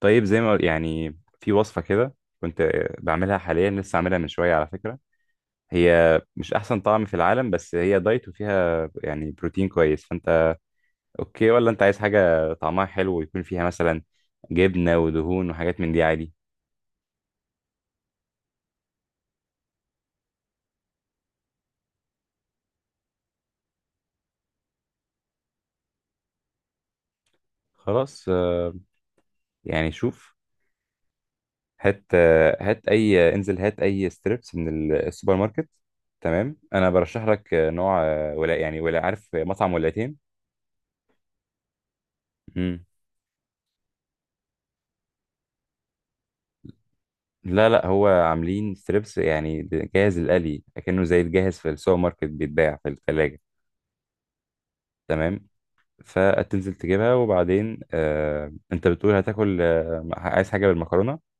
طيب زي ما يعني في وصفة كده. كنت بعملها حاليا لسه عاملها من شوية على فكرة. هي مش أحسن طعم في العالم بس هي دايت وفيها يعني بروتين كويس فأنت أوكي ولا أنت عايز حاجة طعمها حلو ويكون فيها مثلا جبنة ودهون وحاجات من دي عادي. خلاص. يعني شوف. هات هات أي انزل هات أي ستريبس من السوبر ماركت. تمام أنا برشح لك نوع ولا يعني ولا عارف مطعم ولاتين. لا لا هو عاملين ستريبس يعني جاهز القلي اكنه زي الجاهز في السوبر ماركت بيتباع في الثلاجة. تمام فتنزل تجيبها وبعدين انت بتقول هتاكل عايز حاجة بالمكرونة.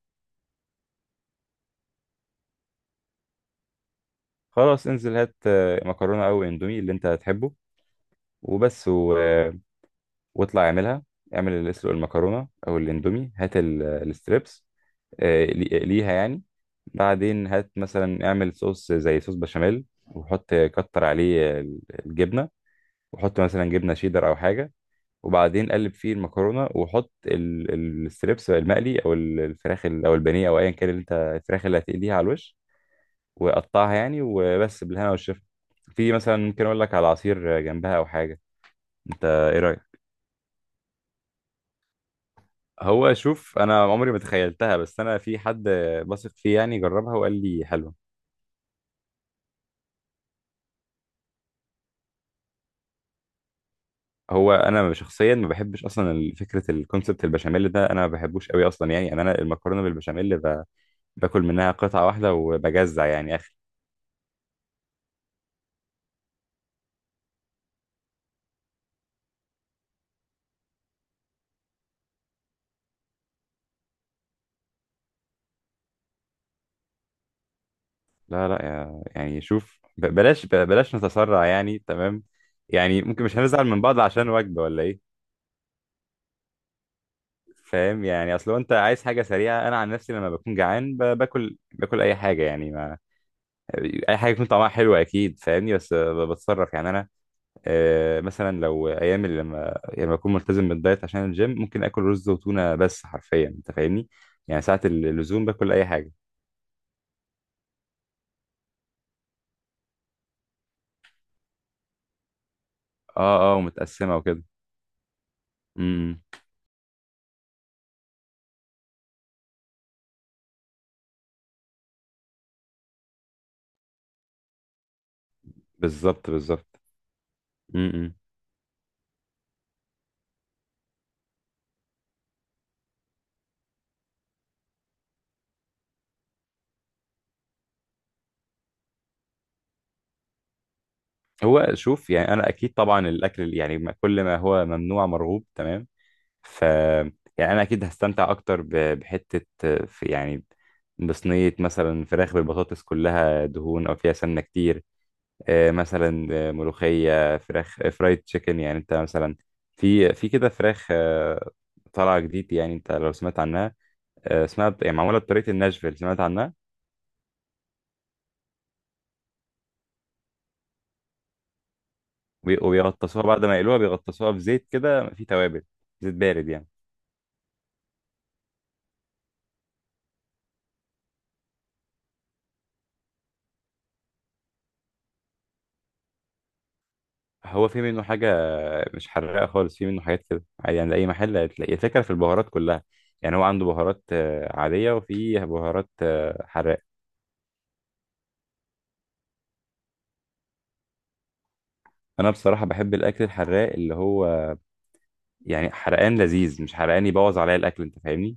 خلاص انزل هات مكرونة او اندومي اللي انت هتحبه وبس و... آه واطلع اعملها. اعمل اللي اسلق المكرونة او الاندومي هات الستريبس ليها يعني. بعدين هات مثلا اعمل صوص زي صوص بشاميل وحط كتر عليه الجبنة وحط مثلا جبنه شيدر او حاجه. وبعدين قلب فيه المكرونه وحط الستريبس المقلي او الفراخ او البانيه او ايا كان اللي انت الفراخ اللي هتقليها على الوش. وقطعها يعني وبس بالهنا والشفا. في مثلا ممكن اقول لك على عصير جنبها او حاجه. انت ايه رايك؟ هو شوف انا عمري ما تخيلتها بس انا في حد بثق فيه يعني جربها وقال لي حلوه. هو انا شخصيا ما بحبش اصلا فكره الكونسبت البشاميل ده انا ما بحبوش قوي اصلا يعني أنا المكرونه بالبشاميل باكل منها قطعة واحدة وبجزع يعني اخر. لا لا يعني شوف بلاش بلاش نتسرع يعني تمام. يعني ممكن مش هنزعل من بعض عشان وجبة ولا ايه. فاهم يعني اصل هو انت عايز حاجة سريعة. انا عن نفسي لما بكون جعان باكل اي حاجة يعني ما اي حاجة يكون طعمها حلو اكيد فاهمني. بس بتصرف يعني انا. مثلا لو ايام اللي لما يعني لما اكون ملتزم بالدايت عشان الجيم ممكن اكل رز وتونة بس حرفيا انت فاهمني. يعني ساعة اللزوم باكل اي حاجة. اه اه ومتقسمة وكده. امم. بالظبط بالظبط. م- م. هو شوف يعني انا اكيد طبعا الاكل يعني كل ما هو ممنوع مرغوب تمام. ف يعني انا اكيد هستمتع اكتر بحته في يعني. بصينيه مثلا فراخ بالبطاطس كلها دهون او فيها سمنه كتير. مثلا ملوخيه فراخ فرايد تشيكن يعني انت مثلا في كده فراخ. طالعه جديد يعني انت لو سمعت عنها. اسمها يعني معموله بطريقه الناشفيل سمعت عنها. وبيغطسوها بعد ما يقلوها بيغطسوها في زيت كده فيه توابل. زيت بارد يعني. هو في منه حاجة مش حراقة خالص. في منه حاجات كده عادي يعني أي محل هتلاقي الفكرة في البهارات كلها. يعني هو عنده بهارات عادية وفي بهارات حراقة. أنا بصراحة بحب الأكل الحراق اللي هو يعني حرقان لذيذ مش حرقان يبوظ عليا الأكل أنت فاهمني.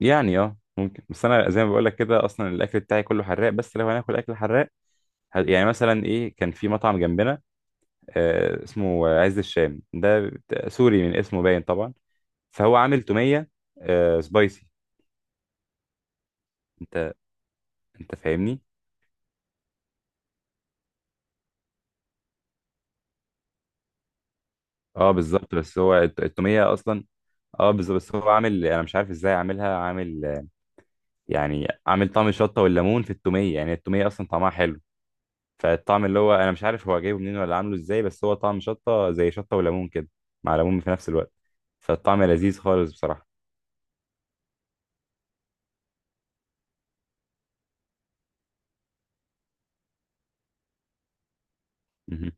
يعني ممكن بس أنا زي ما بقولك كده أصلا الأكل بتاعي كله حراق. بس لو هناكل أكل حراق يعني مثلا إيه كان في مطعم جنبنا اسمه عز الشام ده سوري من اسمه باين طبعا. فهو عامل تومية سبايسي. انت انت فاهمني. اه بالظبط بس هو التومية اصلا. اه بالظبط بس هو عامل انا مش عارف ازاي عاملها عامل يعني عامل طعم الشطة والليمون في التومية. يعني التومية اصلا طعمها حلو. فالطعم اللي هو انا مش عارف هو جايبه منين ولا عامله ازاي بس هو طعم شطة زي شطة وليمون كده مع ليمون في نفس الوقت. فالطعم لذيذ خالص بصراحة. مهم.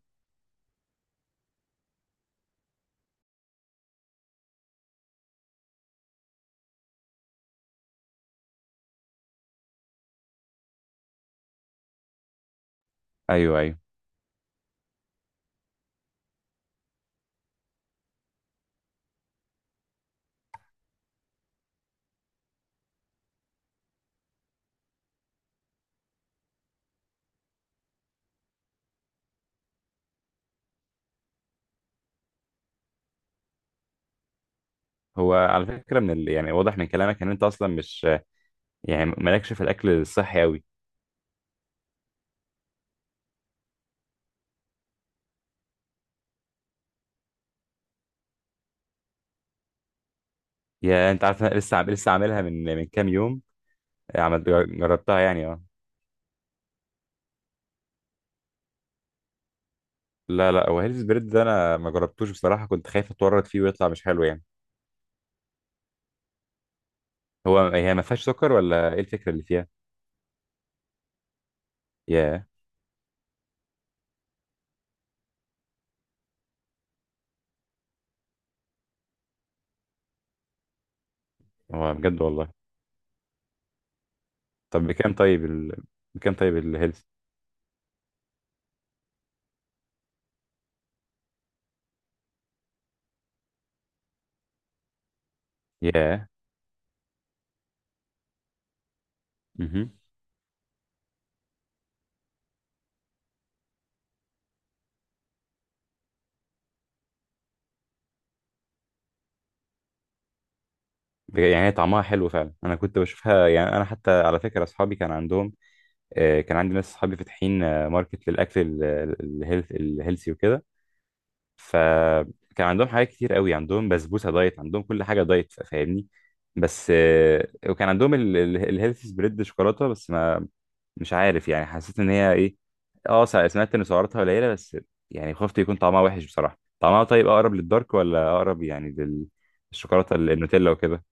ايوه ايوه. هو على فكرة يعني واضح من كلامك ان انت اصلا مش يعني مالكش في الاكل الصحي قوي. يا انت عارف انا لسه عاملها من كام يوم. عمل... جربتها يعني اه. لا لا هو هيلث بريد ده انا ما جربتوش بصراحه كنت خايف اتورط فيه ويطلع مش حلو يعني. هو هي ما فيهاش سكر ولا ايه الفكره اللي فيها؟ يا هو بجد والله. طب بكام طيب بكام طيب الهيلث. يا. مهم. يعني هي طعمها حلو فعلا. انا كنت بشوفها يعني انا حتى على فكره اصحابي كان عندهم كان عندي ناس اصحابي فاتحين ماركت للاكل الهيلثي وكده. فكان عندهم حاجات كتير قوي عندهم بسبوسه دايت عندهم كل حاجه دايت فاهمني. بس وكان عندهم الهيلثي سبريد شوكولاته بس ما مش عارف يعني حسيت ان هي ايه. اه سمعت ان سعراتها قليله بس يعني خفت يكون طعمها وحش بصراحه. طعمها طيب اقرب للدارك ولا اقرب يعني للشوكولاته النوتيلا وكده؟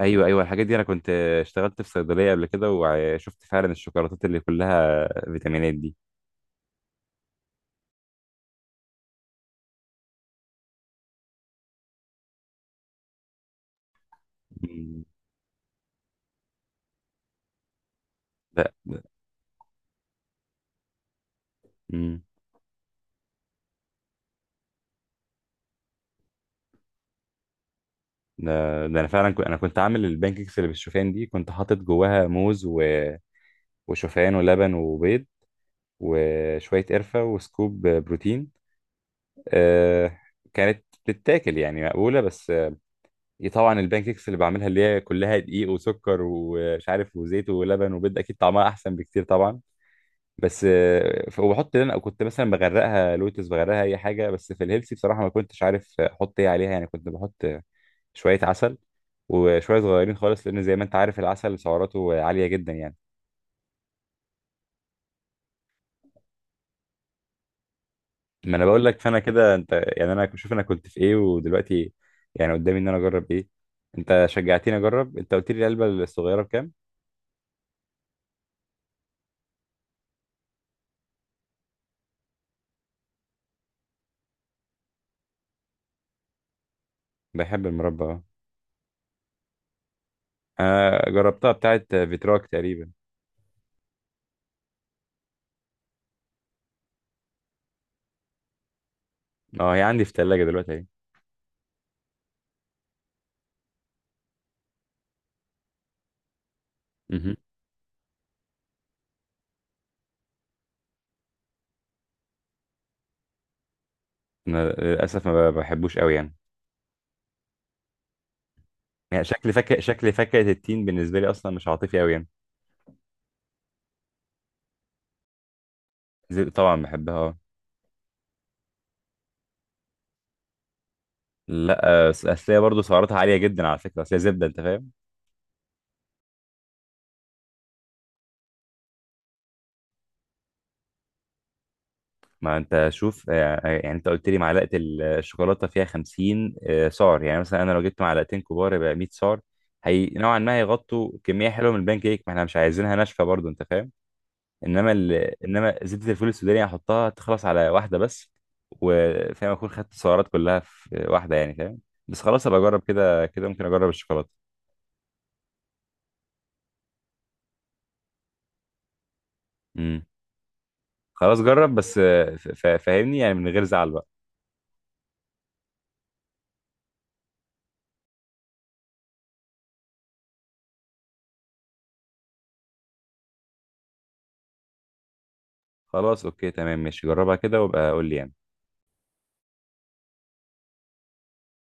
ايوه ايوه الحاجات دي انا كنت اشتغلت في صيدليه قبل كده وشفت فعلا الشوكولاتات اللي كلها فيتامينات دي. مم. لا ده ده انا فعلا كنت انا كنت عامل البانكيكس اللي بالشوفان دي كنت حاطط جواها موز وشوفان ولبن وبيض وشويه قرفه وسكوب بروتين. آه كانت بتتاكل يعني مقبوله بس. طبعا البانكيكس اللي بعملها اللي هي كلها دقيق وسكر ومش عارف وزيت ولبن وبيض اكيد طعمها احسن بكتير طبعا. بس وبحط لنا كنت مثلا بغرقها لوتس بغرقها اي حاجه. بس في الهيلثي بصراحه ما كنتش عارف احط ايه عليها يعني كنت بحط شوية عسل وشوية صغيرين خالص لأن زي ما أنت عارف العسل سعراته عالية جدا يعني. ما أنا بقول لك فأنا كده أنت يعني أنا شوف أنا كنت في إيه ودلوقتي يعني قدامي إن أنا أجرب إيه. أنت شجعتني أجرب. أنت قلت لي العلبة الصغيرة بكام؟ بحب المربى أه. أنا جربتها بتاعة فيتراك تقريبا. أه هي عندي في التلاجة دلوقتي أهي. مهم. أنا للأسف ما بحبوش أوي يعني. يعني شكل فاكهة التين بالنسبة لي أصلا مش عاطفي أوي يعني. طبعا بحبها أه. لا أصل هي برضه سعراتها عالية جدا على فكرة أصل هي زبدة أنت فاهم؟ ما انت شوف يعني انت قلت لي معلقه الشوكولاته فيها 50 سعر يعني مثلا انا لو جبت معلقتين كبار يبقى 100 سعر. هي نوعا ما هيغطوا كميه حلوه من البان كيك ما احنا مش عايزينها ناشفه برضو انت فاهم. انما ال... انما زبده الفول السوداني يعني هحطها تخلص على واحده بس وفاهم اكون خدت السعرات كلها في واحده يعني فاهم. بس خلاص ابقى اجرب كده كده ممكن اجرب الشوكولاته. امم. خلاص جرب بس فاهمني يعني من غير زعل بقى. خلاص اوكي تمام ماشي جربها كده وابقى قول لي يعني.